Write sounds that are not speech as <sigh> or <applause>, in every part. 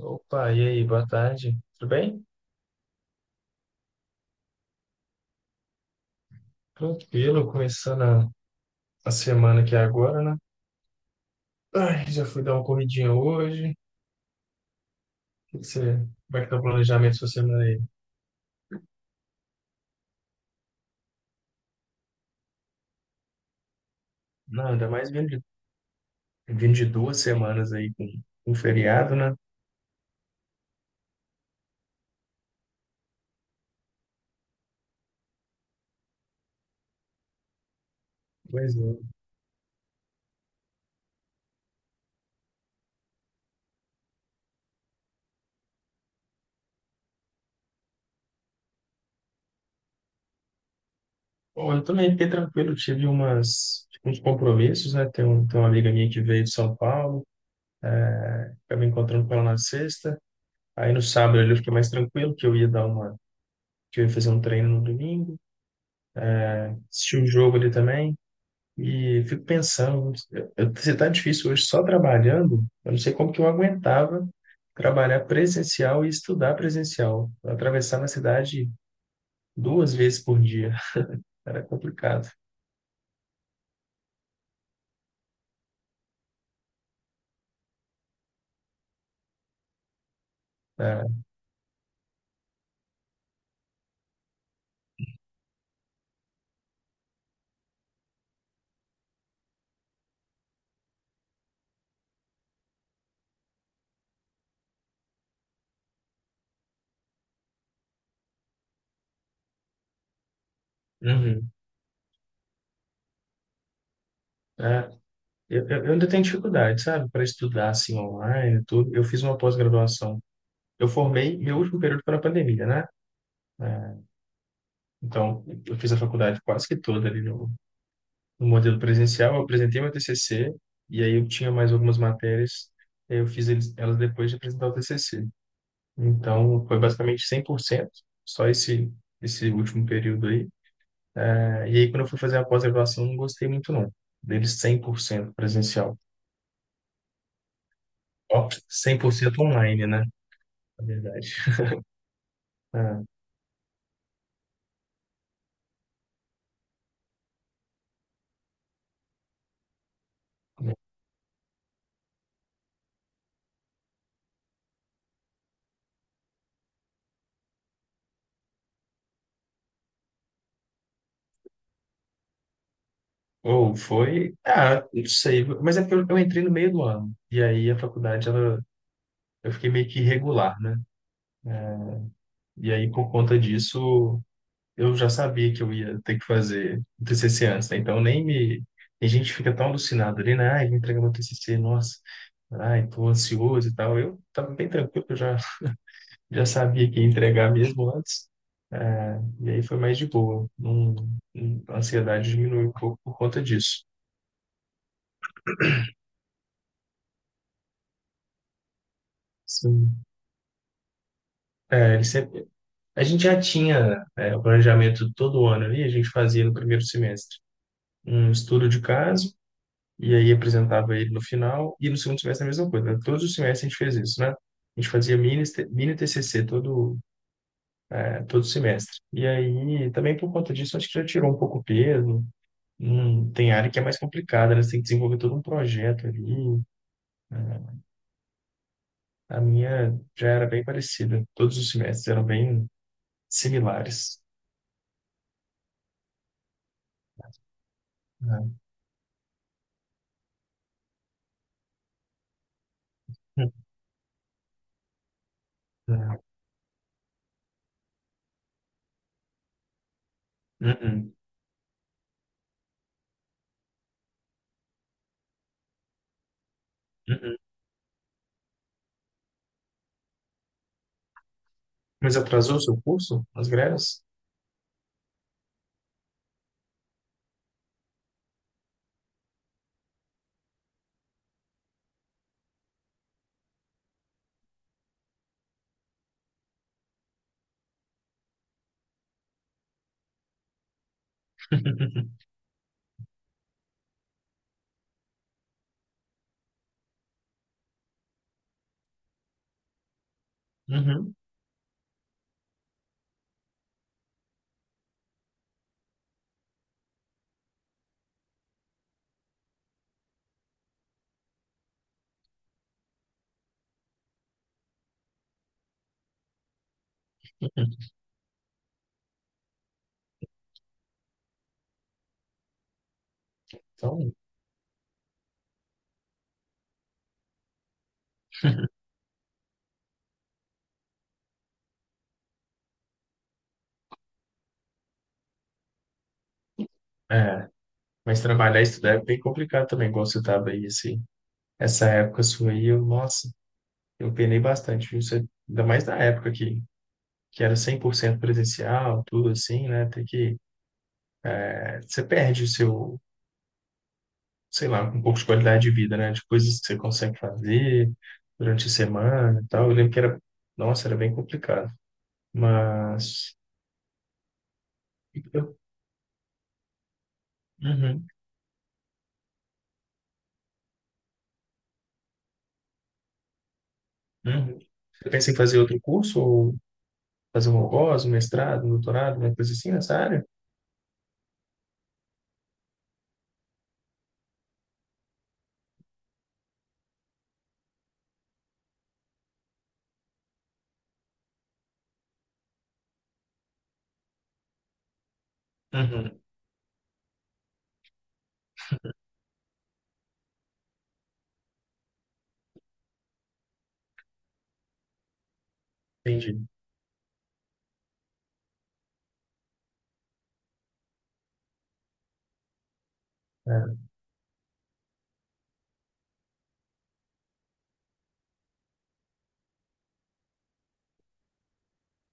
Opa, e aí, boa tarde. Tudo bem? Tranquilo, começando a semana aqui agora, né? Ai, já fui dar uma corridinha hoje. O que que você, como é que tá o planejamento da sua semana aí? Não, ainda mais vindo de duas semanas aí com feriado, né? Pois é. Bom, eu também fiquei tranquilo, tive umas, tipo, uns compromissos, né? Tem uma amiga minha que veio de São Paulo, acabei encontrando com ela na sexta. Aí no sábado ali eu fiquei mais tranquilo, que eu ia fazer um treino no domingo, assisti o jogo ali também. E fico pensando, se tá difícil hoje só trabalhando, eu não sei como que eu aguentava trabalhar presencial e estudar presencial. Eu atravessava a cidade duas vezes por dia. Era complicado, né? Uhum. É, eu ainda tenho dificuldade, sabe, para estudar assim online, e tudo. Eu fiz uma pós-graduação. Eu formei meu último período para a pandemia, né? É, então, eu fiz a faculdade quase que toda ali no modelo presencial, eu apresentei meu TCC e aí eu tinha mais algumas matérias, aí eu fiz eles, elas depois de apresentar o TCC. Então, foi basicamente 100% só esse último período aí. E aí, quando eu fui fazer a pós-graduação, não gostei muito, não. Deles 100% presencial. Ó, 100% online, né? Na verdade. Ah, ou foi... Ah, não sei. Mas é porque eu entrei no meio do ano. E aí, a faculdade, ela... Eu fiquei meio que irregular, né? E aí, por conta disso, eu já sabia que eu ia ter que fazer o TCC antes, né? Então nem me. A gente fica tão alucinado ali, né? Ai, vou entregar meu TCC, nossa, ai, tô ansioso e tal. Eu tava bem tranquilo, já sabia que ia entregar mesmo antes. É, e aí foi mais de boa. Não, a ansiedade diminuiu um pouco por conta disso. Sim. É, ele sempre- a gente já tinha, é, o planejamento todo ano ali, a gente fazia no primeiro semestre. Um estudo de caso, e aí apresentava ele no final, e no segundo semestre a mesma coisa, né? Todos os semestres a gente fez isso, né? A gente fazia mini TCC todo, é, todo semestre. E aí, também por conta disso, acho que já tirou um pouco o peso. Tem área que é mais complicada, né? Você tem que desenvolver todo um projeto ali, né? A minha já era bem parecida. Todos os semestres eram bem similares, né? Uhum. Uhum. Uhum. Mas atrasou o seu curso? As greves? <laughs> Uhum. Então, é. Mas trabalhar e estudar é bem complicado também, igual você estava aí, assim essa época sua aí, eu, nossa, eu penei bastante, viu? Você, ainda mais na época que era 100% presencial, tudo assim, né? Você perde o seu, sei lá, um pouco de qualidade de vida, né? De coisas que você consegue fazer durante a semana e tal. Eu lembro que era, nossa, era bem complicado. Mas, eu, uhum, uhum. Eu pensei em fazer outro curso, ou fazer um algoz, um mestrado, um doutorado, uma coisa assim nessa área? Uhum. Entendi.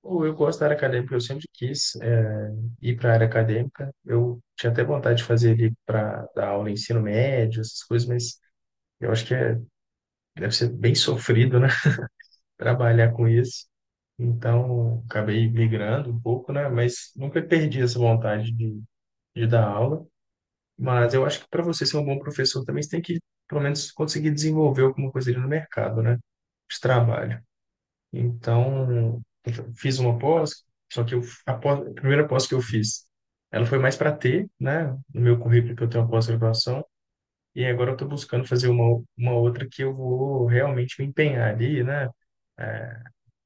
Ou eu gosto da área acadêmica, eu sempre quis ir para a área acadêmica. Eu tinha até vontade de fazer ali para dar aula em ensino médio, essas coisas, mas eu acho que deve ser bem sofrido, né? <laughs> Trabalhar com isso. Então, acabei migrando um pouco, né? Mas nunca perdi essa vontade de dar aula. Mas eu acho que para você ser um bom professor também, pelo menos, conseguir desenvolver alguma coisa ali no mercado, né? De trabalho. Então, eu fiz uma pós, só que a primeira pós que eu fiz, ela foi mais para ter, né, no meu currículo que eu tenho a pós-graduação, e agora eu estou buscando fazer uma outra que eu vou realmente me empenhar ali, né,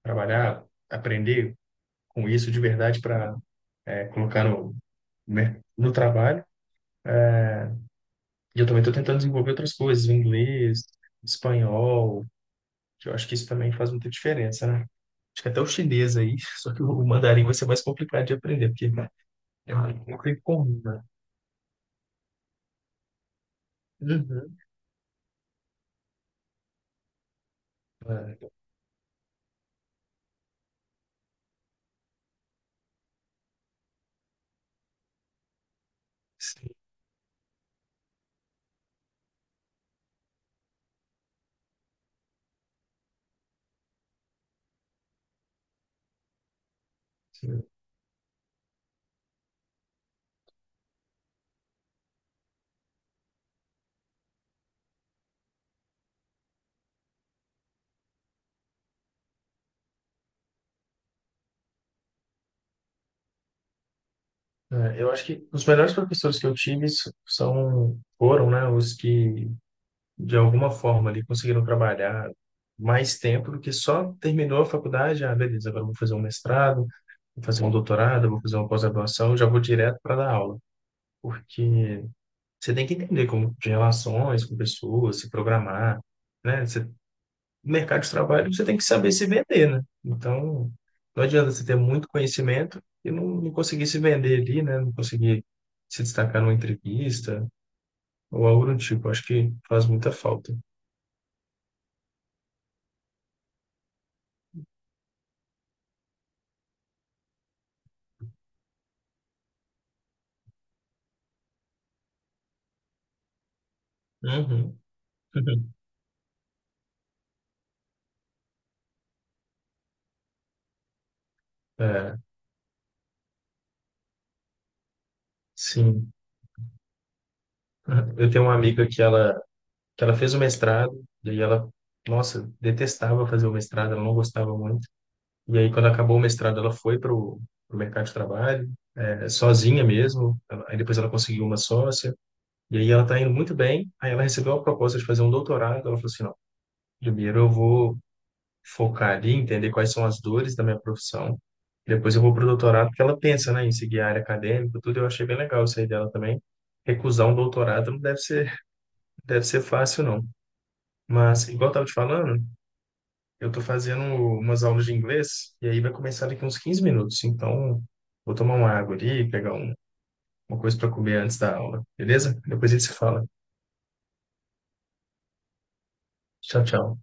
trabalhar, aprender com isso de verdade para colocar no trabalho. E eu também estou tentando desenvolver outras coisas, o inglês, espanhol, que eu acho que isso também faz muita diferença, né? Acho que até o chinês aí, <laughs> só que o mandarim vai ser mais complicado de aprender, porque é muito uma coisa comum, né? Uhum. É, sim, sim. É, eu acho que os melhores professores que eu tive foram, né, os que, de alguma forma, ali, conseguiram trabalhar mais tempo do que só terminou a faculdade, ah, beleza, agora eu vou fazer um mestrado, vou fazer um doutorado, vou fazer uma pós-graduação, já vou direto para dar aula, porque você tem que entender como de relações com pessoas, se programar, né? Você No mercado de trabalho você tem que saber se vender, né? Então, não adianta você ter muito conhecimento e não conseguir se vender ali, né? Não conseguir se destacar numa entrevista ou algo do tipo. Acho que faz muita falta. Uhum. <laughs> É, sim. Eu tenho uma amiga que ela fez o mestrado e aí ela, nossa, detestava fazer o mestrado, ela não gostava muito. E aí, quando acabou o mestrado, ela foi para o mercado de trabalho, é, sozinha mesmo. Ela- Aí depois ela conseguiu uma sócia. E aí ela está indo muito bem. Aí ela recebeu uma proposta de fazer um doutorado. Ela falou assim, não, primeiro eu vou focar ali, entender quais são as dores da minha profissão. Depois eu vou para o doutorado, porque ela pensa, né, em seguir a área acadêmica, tudo. Eu achei bem legal isso aí dela também. Recusar um doutorado não deve ser, <laughs> deve ser fácil, não. Mas, igual eu estava te falando, eu estou fazendo umas aulas de inglês e aí vai começar daqui uns 15 minutos. Então, vou tomar uma água ali, pegar um- uma coisa para comer antes da aula, beleza? Depois a gente se fala. Tchau, tchau.